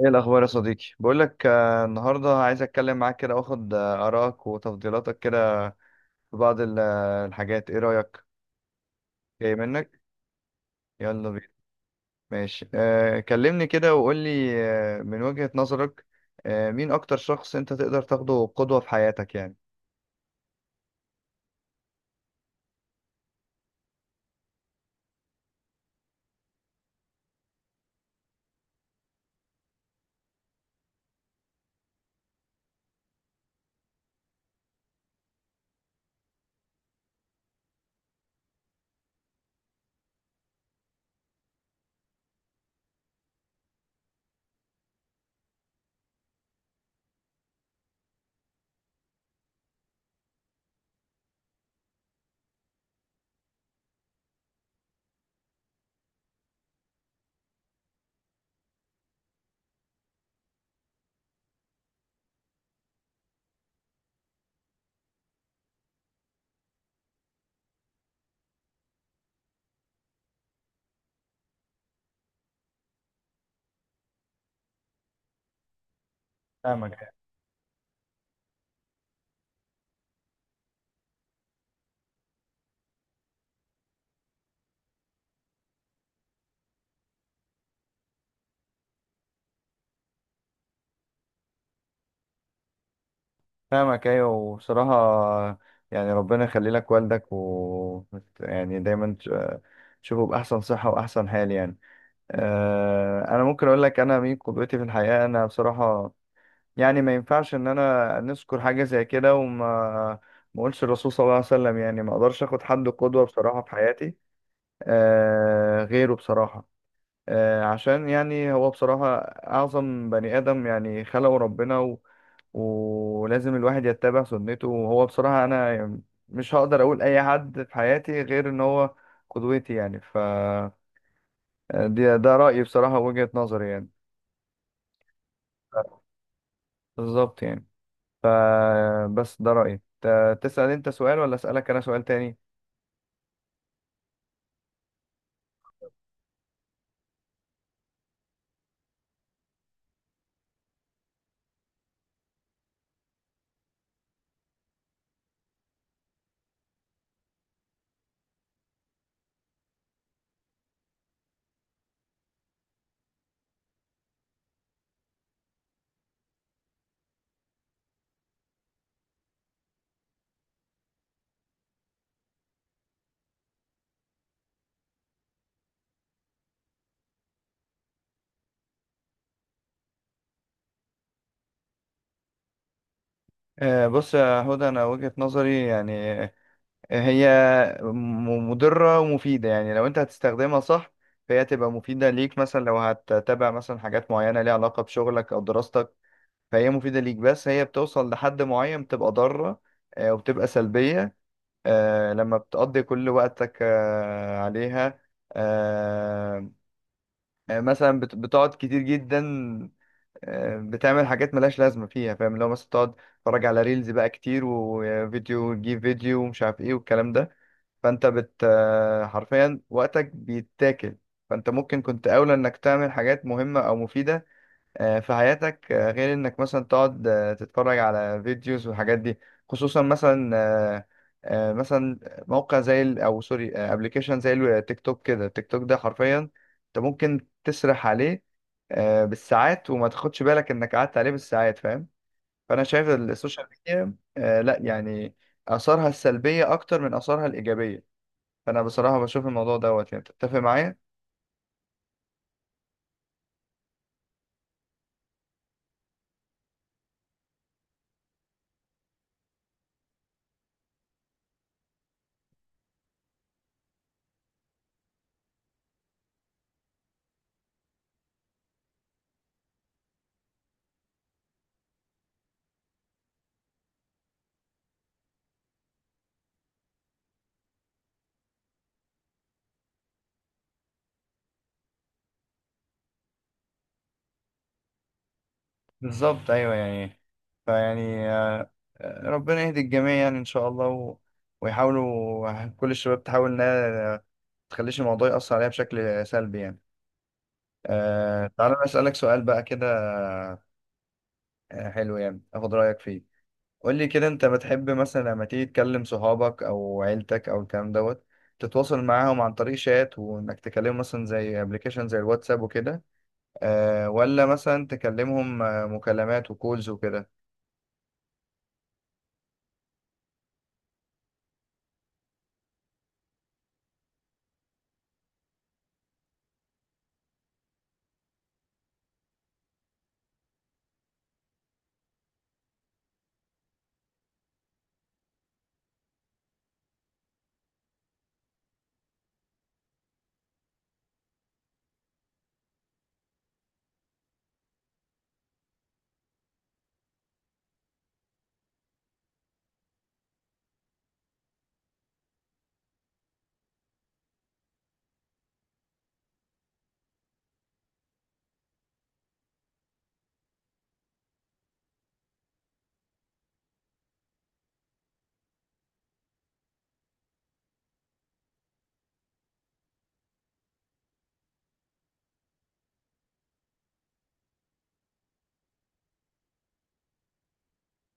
ايه الاخبار يا صديقي؟ بقول لك النهارده عايز اتكلم معاك كده واخد ارائك وتفضيلاتك كده في بعض الحاجات. ايه رايك؟ جاي منك؟ يلا بينا. ماشي، كلمني كده وقول لي، من وجهة نظرك، مين اكتر شخص انت تقدر تاخده قدوة في حياتك يعني؟ فاهمك. فاهمك ايوه، وبصراحة يعني ربنا يخلي لك والدك، و يعني دايما تشوفه باحسن صحة واحسن حال يعني. انا ممكن اقول لك انا مين قدوتي في الحياة. انا بصراحة يعني ما ينفعش ان انا نذكر حاجه زي كده وما ما اقولش الرسول صلى الله عليه وسلم. يعني ما اقدرش اخد حد قدوه بصراحه في حياتي آه غيره بصراحه، آه عشان يعني هو بصراحه اعظم بني ادم يعني، خلقه ربنا، و... ولازم الواحد يتبع سنته. وهو بصراحه انا يعني مش هقدر اقول اي حد في حياتي غير ان هو قدوتي يعني. ف ده رايي بصراحه، وجهه نظري يعني. بالظبط يعني. فبس ده رأيي. تسأل انت سؤال، ولا أسألك انا سؤال تاني؟ بص يا هدى، انا وجهة نظري يعني هي مضرة ومفيدة. يعني لو انت هتستخدمها صح فهي تبقى مفيدة ليك، مثلا لو هتتابع مثلا حاجات معينة ليها علاقة بشغلك او دراستك فهي مفيدة ليك. بس هي بتوصل لحد معين بتبقى ضارة وبتبقى سلبية، لما بتقضي كل وقتك عليها، آه، مثلا بتقعد كتير جدا، بتعمل حاجات ملهاش لازمة فيها. فاهم؟ لو مثلا تقعد تتفرج على ريلز بقى كتير، وفيديو تجيب فيديو ومش عارف ايه والكلام ده، فانت بت آه، حرفيا وقتك بيتاكل. فانت ممكن كنت اولى انك تعمل حاجات مهمة او مفيدة في حياتك، غير انك مثلا تقعد تتفرج على فيديوز والحاجات دي. خصوصا مثلا مثلا موقع او سوري، ابلكيشن زي التيك توك كده. التيك توك ده حرفيا انت ممكن تسرح عليه بالساعات وما تاخدش بالك انك قعدت عليه بالساعات. فاهم؟ فانا شايف السوشيال ميديا لا يعني اثارها السلبية اكتر من اثارها الايجابية. فانا بصراحة بشوف الموضوع دوت يعني. تتفق معايا؟ بالظبط ايوه يعني. فيعني آه، آه، ربنا يهدي الجميع يعني ان شاء الله، و... ويحاولوا كل الشباب تحاول انها ما تخليش الموضوع يأثر عليها بشكل سلبي يعني. أه، تعالى أنا اسالك سؤال بقى كده، حلو يعني اخد رايك فيه. قول لي كده، انت بتحب مثلا لما تيجي تكلم صحابك او عيلتك او الكلام دوت تتواصل معاهم عن طريق شات، وانك تكلمهم مثلا زي ابلكيشن زي الواتساب وكده، أه، ولا مثلا تكلمهم مكالمات وكولز وكده؟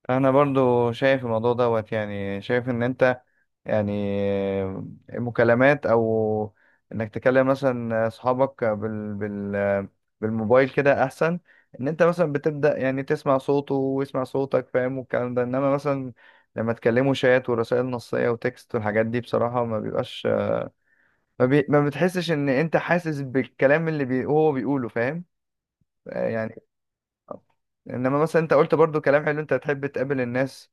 انا برضو شايف الموضوع دوت، يعني شايف ان انت يعني مكالمات، او انك تكلم مثلا اصحابك بال بالموبايل كده احسن. ان انت مثلا بتبدا يعني تسمع صوته ويسمع صوتك، فاهم؟ والكلام ده. انما مثلا لما تكلموا شات ورسائل نصيه وتكست والحاجات دي بصراحه ما بيبقاش، ما بتحسش ان انت حاسس بالكلام اللي هو بيقوله، فاهم؟ يعني انما مثلا انت قلت برضو كلام حلو، انت تحب تقابل الناس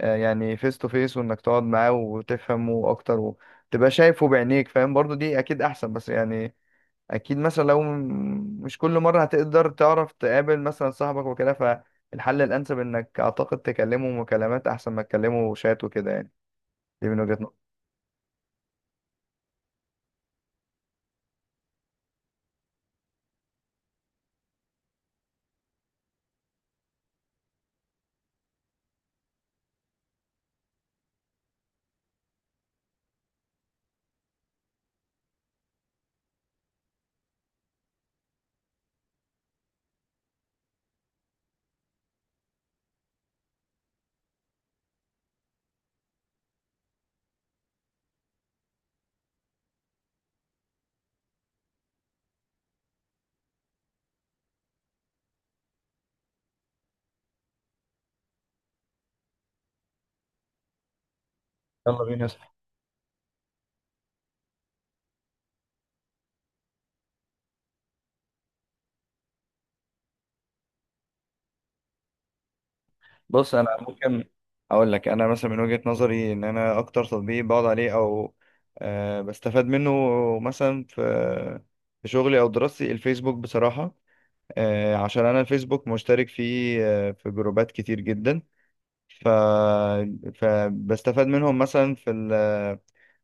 يعني فيس تو فيس، وانك تقعد معاه وتفهمه اكتر وتبقى شايفه بعينيك، فاهم؟ برضو دي اكيد احسن. بس يعني اكيد مثلا لو مش كل مرة هتقدر تعرف تقابل مثلا صاحبك وكده، فالحل الانسب انك اعتقد تكلمه مكالمات احسن ما تكلمه شات وكده يعني. دي من وجهة نظري. يلا بينا يا صاحبي. بص انا ممكن اقول لك انا مثلا من وجهة نظري ان انا اكتر تطبيق بقعد عليه او أه بستفاد منه مثلا في في شغلي او دراستي، الفيسبوك بصراحة. عشان انا الفيسبوك مشترك فيه في جروبات كتير جدا، ف... فبستفاد منهم مثلا في ال...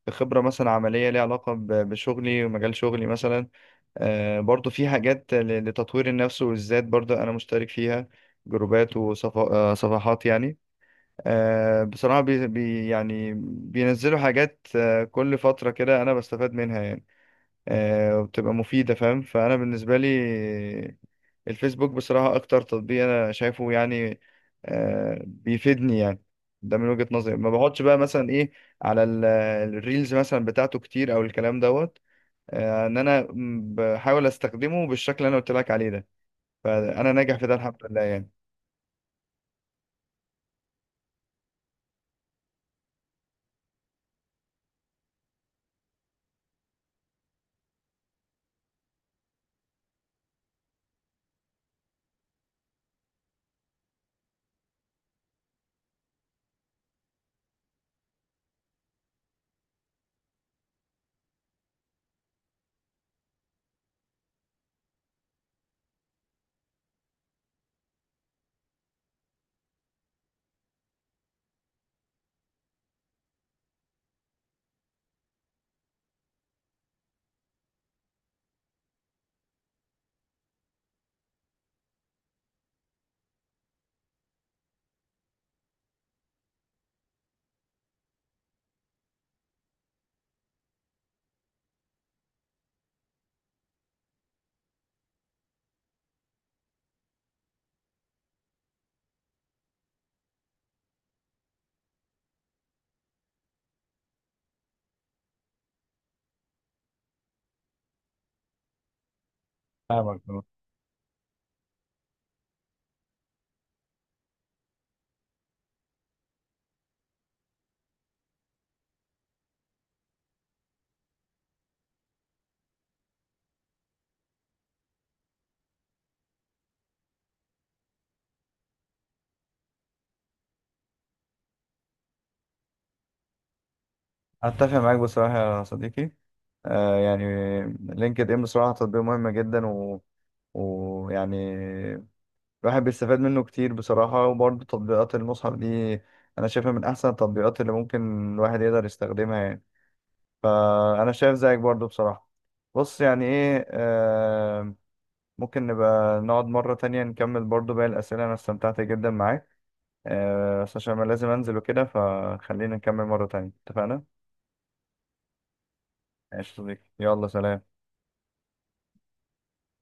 في خبرة مثلا عملية ليها علاقة بشغلي ومجال شغلي مثلا. برضو في حاجات لتطوير النفس والذات برضو انا مشترك فيها، جروبات وصفحات يعني. بصراحة يعني بينزلوا حاجات كل فترة كده انا بستفاد منها يعني وبتبقى مفيدة. فاهم؟ فانا بالنسبة لي الفيسبوك بصراحة أكتر تطبيق أنا شايفه يعني بيفيدني يعني. ده من وجهة نظري. ما بقعدش بقى مثلا إيه على الريلز مثلا بتاعته كتير أو الكلام دوت. إن أنا بحاول أستخدمه بالشكل اللي أنا قلت لك عليه ده، فأنا ناجح في ده الحمد لله يعني. فاهمك طبعاً. أتفق معاك بصراحة يا صديقي، يعني لينكد إن بصراحة تطبيق مهم جدا، و... ويعني الواحد بيستفاد منه كتير بصراحة. وبرضه تطبيقات المصحف دي أنا شايفها من أحسن التطبيقات اللي ممكن الواحد يقدر يستخدمها يعني. فأنا شايف زيك برضه بصراحة. بص يعني إيه، آه ممكن نبقى نقعد مرة تانية نكمل برضه باقي الأسئلة. أنا استمتعت جدا معاك، آه بس عشان أنا لازم أنزل وكده فخلينا نكمل مرة تانية، اتفقنا؟ ماشي يا صديقي، يلا سلام.